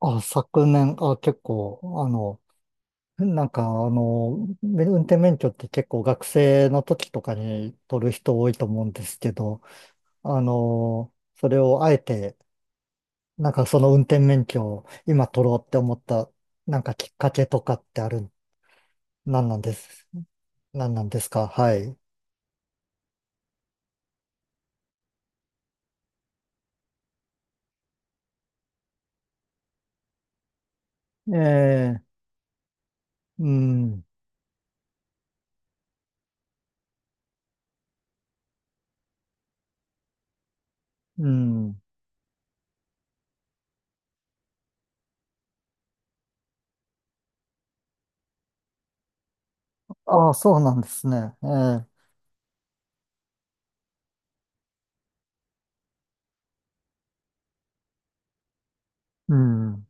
あ、昨年、あ、結構、なんか、運転免許って結構学生の時とかに取る人多いと思うんですけど、それをあえて、なんかその運転免許を今取ろうって思った、なんかきっかけとかってある、なんなんです、なんなんですか、はい。ええ、うん、うん。ああ、そうなんですね。ええ、うん、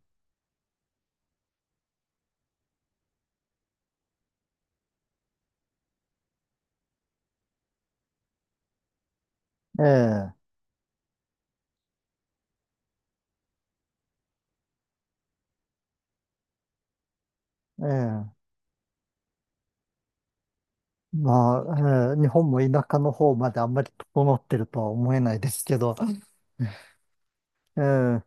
ええ、ええ。まあ、日本も田舎の方まであんまり整ってるとは思えないですけど、えー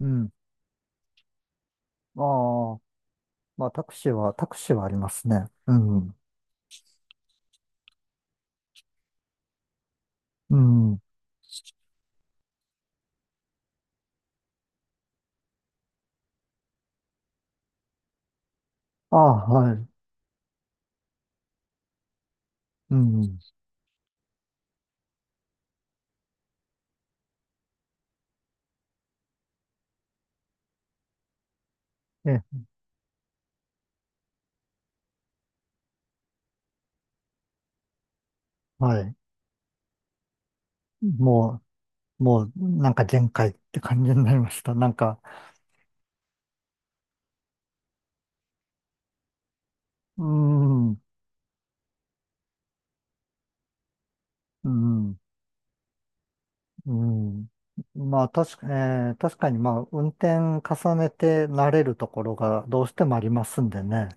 うん。ああ、まあタクシーはありますね。うん。うん。ああ、はい。うん。え、はい。ももう、なんか限界って感じになりました。なんか、うん、うん、うん。まあ、確かに、まあ、運転重ねて慣れるところがどうしてもありますんでね。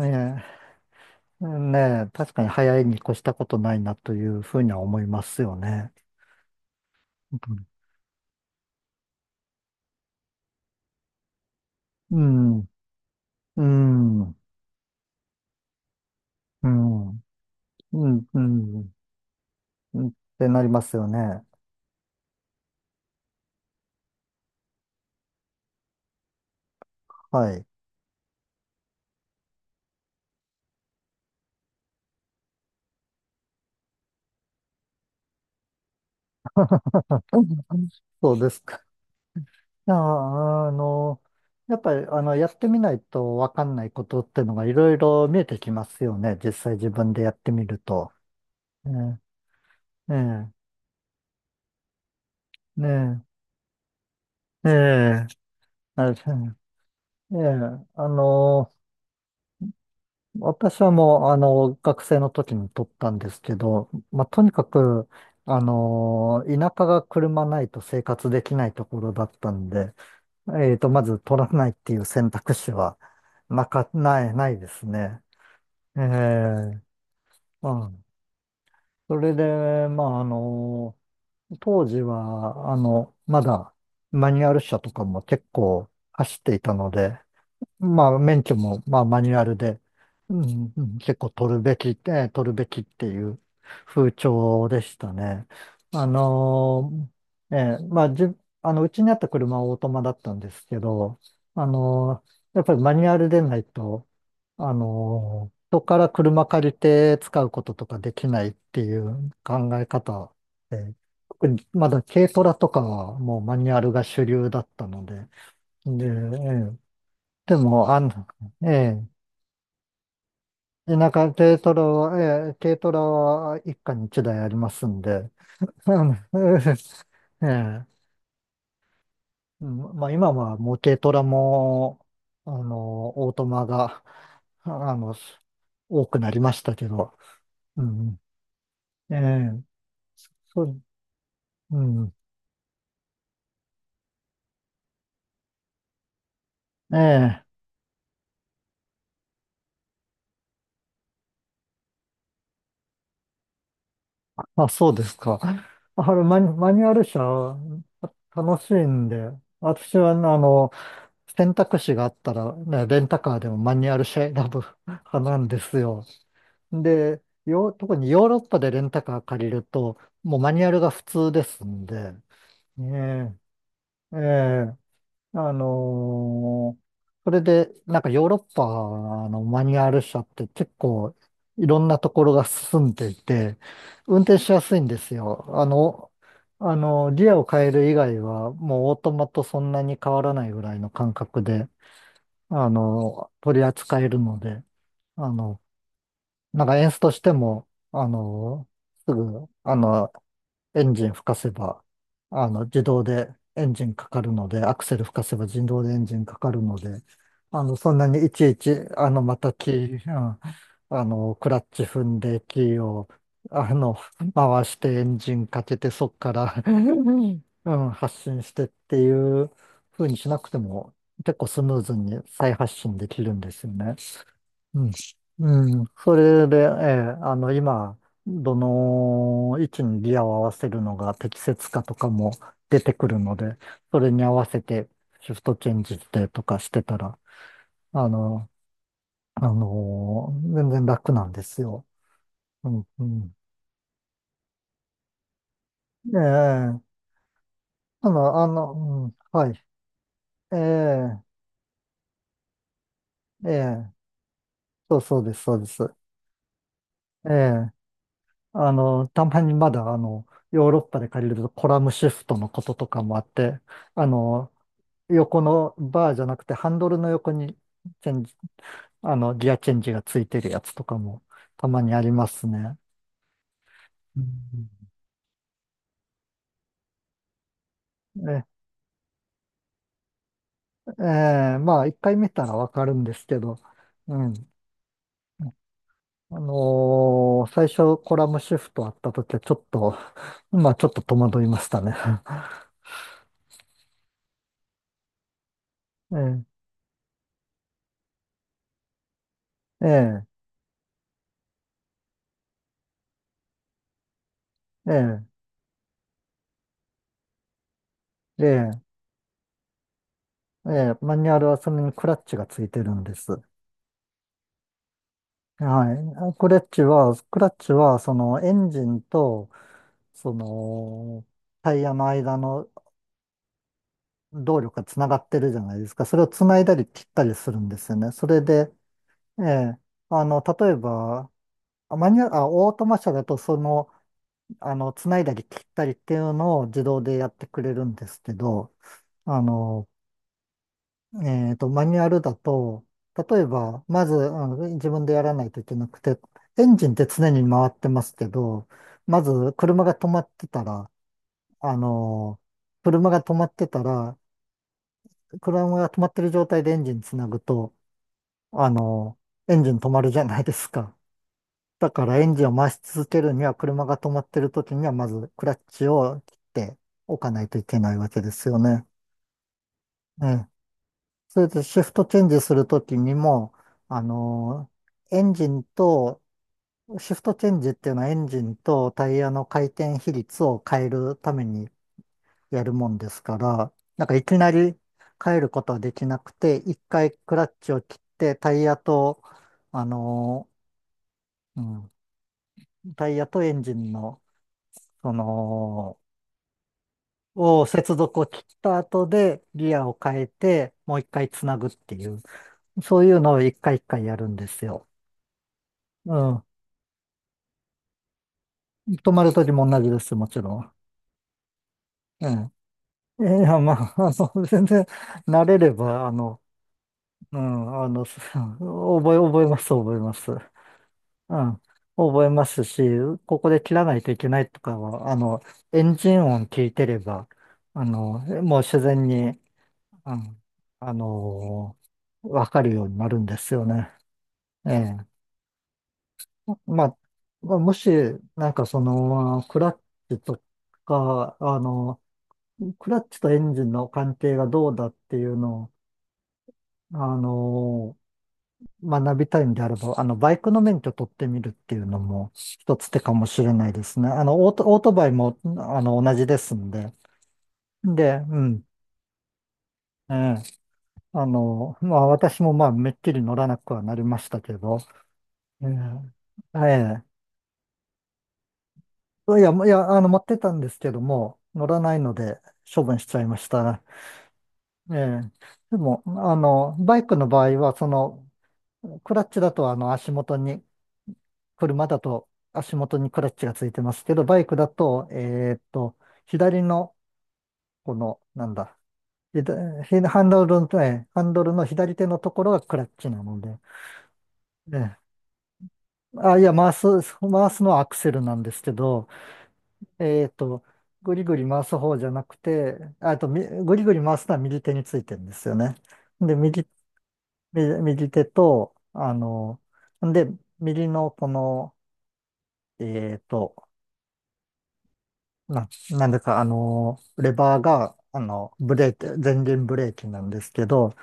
ええねえ、確かに早いに越したことないなというふうには思いますよね。うん、うん、うん、うん、うん、うんうんってなりますよね。はい。うんそうですか。いや、やっぱり、やってみないとわかんないことってのがいろいろ見えてきますよね。実際自分でやってみると。ねえ、ねえ、ねえ、ええ、あれええ、あの、私はもう、学生の時に取ったんですけど、まあ、とにかく、田舎が車ないと生活できないところだったんで、まず取らないっていう選択肢は、ないですね。ええうん。それで、まあ、当時は、まだ、マニュアル車とかも結構走っていたので、まあ、免許も、まあ、マニュアルで、うん、うん結構取るべきっていう風潮でしたね。あのまあ、じゅ、あの、うちにあった車はオートマだったんですけど、やっぱりマニュアルでないと、人から車借りて使うこととかできないっていう考え方で、特にまだ軽トラとかはもうマニュアルが主流だったので、で、ええでも、ええ、軽トラは、ええ、軽トラは一家に一台ありますんで、あのええ、うんまあ今はもう軽トラも、オートマが、あの、多くなりましたけど、うん、ええ、そう、うん、ええ、まあ、そうですか。あれ、マニュアル車、楽しいんで、私は、選択肢があったら、ね、レンタカーでもマニュアル車選ぶ 派なんですよ。で、特にヨーロッパでレンタカー借りると、もうマニュアルが普通ですんで、ねえ、ええ、あのーそれで、なんかヨーロッパのマニュアル車って結構いろんなところが進んでいて、運転しやすいんですよ。ギアを変える以外はもうオートマとそんなに変わらないぐらいの感覚で取り扱えるので、あの、なんかエンスとしても、すぐ、エンジン吹かせば、自動でエンジンかかるので、アクセル吹かせば自動でエンジンかかるので、そんなにいちいち、またキー、うん、クラッチ踏んで、キーを、あの、回してエンジンかけて、そっからうん、発信してっていう風にしなくても結構スムーズに再発信できるんですよね。うん。うん。それで、ええ、今、どの位置にギアを合わせるのが適切かとかも出てくるので、それに合わせてシフトチェンジしてとかしてたら、あの、全然楽なんですよ。うん、うん。ええ、ただ、うん、はい。ええ、ええ、そうそうです、そうです。ええ、たまにまだ、ヨーロッパで借りるとコラムシフトのこととかもあって、あの、横のバーじゃなくてハンドルの横にチェンジ、あの、ギアチェンジがついてるやつとかもたまにありますね。うんねええ、まあ、一回見たらわかるんですけど、うん。最初コラムシフトあった時はちょっと、まあちょっと戸惑いましたね。ええ、ええ、ええ、ええええ、マニュアルはそれにクラッチがついてるんです。はい。クラッチは、そのエンジンと、その、タイヤの間の動力がつながってるじゃないですか。それをつないだり切ったりするんですよね。それで、ええ、例えば、あマニュアル、あ、オートマ車だと、その、つないだり切ったりっていうのを自動でやってくれるんですけど、あの、マニュアルだと、例えば、まず、自分でやらないといけなくて、エンジンって常に回ってますけど、まず、あの車が止まってたら、車が止まってる状態でエンジンつなぐと、あのエンジン止まるじゃないですか。だから、エンジンを回し続けるには、車が止まってる時には、まず、クラッチを切っておかないといけないわけですよね。ええそれでシフトチェンジするときにも、あのエンジンと、シフトチェンジっていうのはエンジンとタイヤの回転比率を変えるためにやるもんですから、なんかいきなり変えることはできなくて、一回クラッチを切ってタイヤと、あのうん、タイヤとエンジンの、その、接続を切った後でギアを変えて、もう一回つなぐっていう、そういうのを一回一回やるんですよ。うん。泊まるときも同じです、もちろん。ええ。いや、まあ、全然慣れれば、うん、す覚え、覚えます、覚えます。うん、覚えますし、ここで切らないといけないとかは、エンジン音聞いてれば、もう自然に、うん、あの、わかるようになるんですよね。ええ。まあ、まあ、もし、なんかその、チとか、あの、クラッチとエンジンの関係がどうだっていうのを、あのー学びたいんであれば、バイクの免許取ってみるっていうのも一つ手かもしれないですね。オートバイも、同じですんで。で、うん。ええ、まあ、私もまあ、めっきり乗らなくはなりましたけど、ええ、ええ、いや、いや、持ってたんですけども、乗らないので処分しちゃいました。ええ、でも、バイクの場合は、その、クラッチだと足元に、車だと足元にクラッチがついてますけど、バイクだと、左の、この、なんだ、ハンドルの左手のところがクラッチなので、ね、あ、いや、回すのはアクセルなんですけど、えーっと、ぐりぐり回す方じゃなくて、ああと、みぐりぐり回すのは右手についてるんですよね。で、右手と、で、右のこの、えーっと、なんでか、レバーが、ブレーキ、前輪ブレーキなんですけど、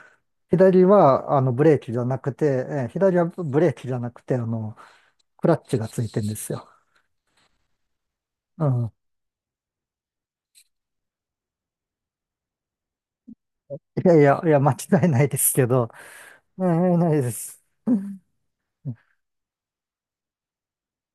左は、あの、ブレーキじゃなくて、えー左はブレーキじゃなくて、クラッチがついてるんですよ。うん。いやいや、いや、間違いないですけど、うん、うんないです。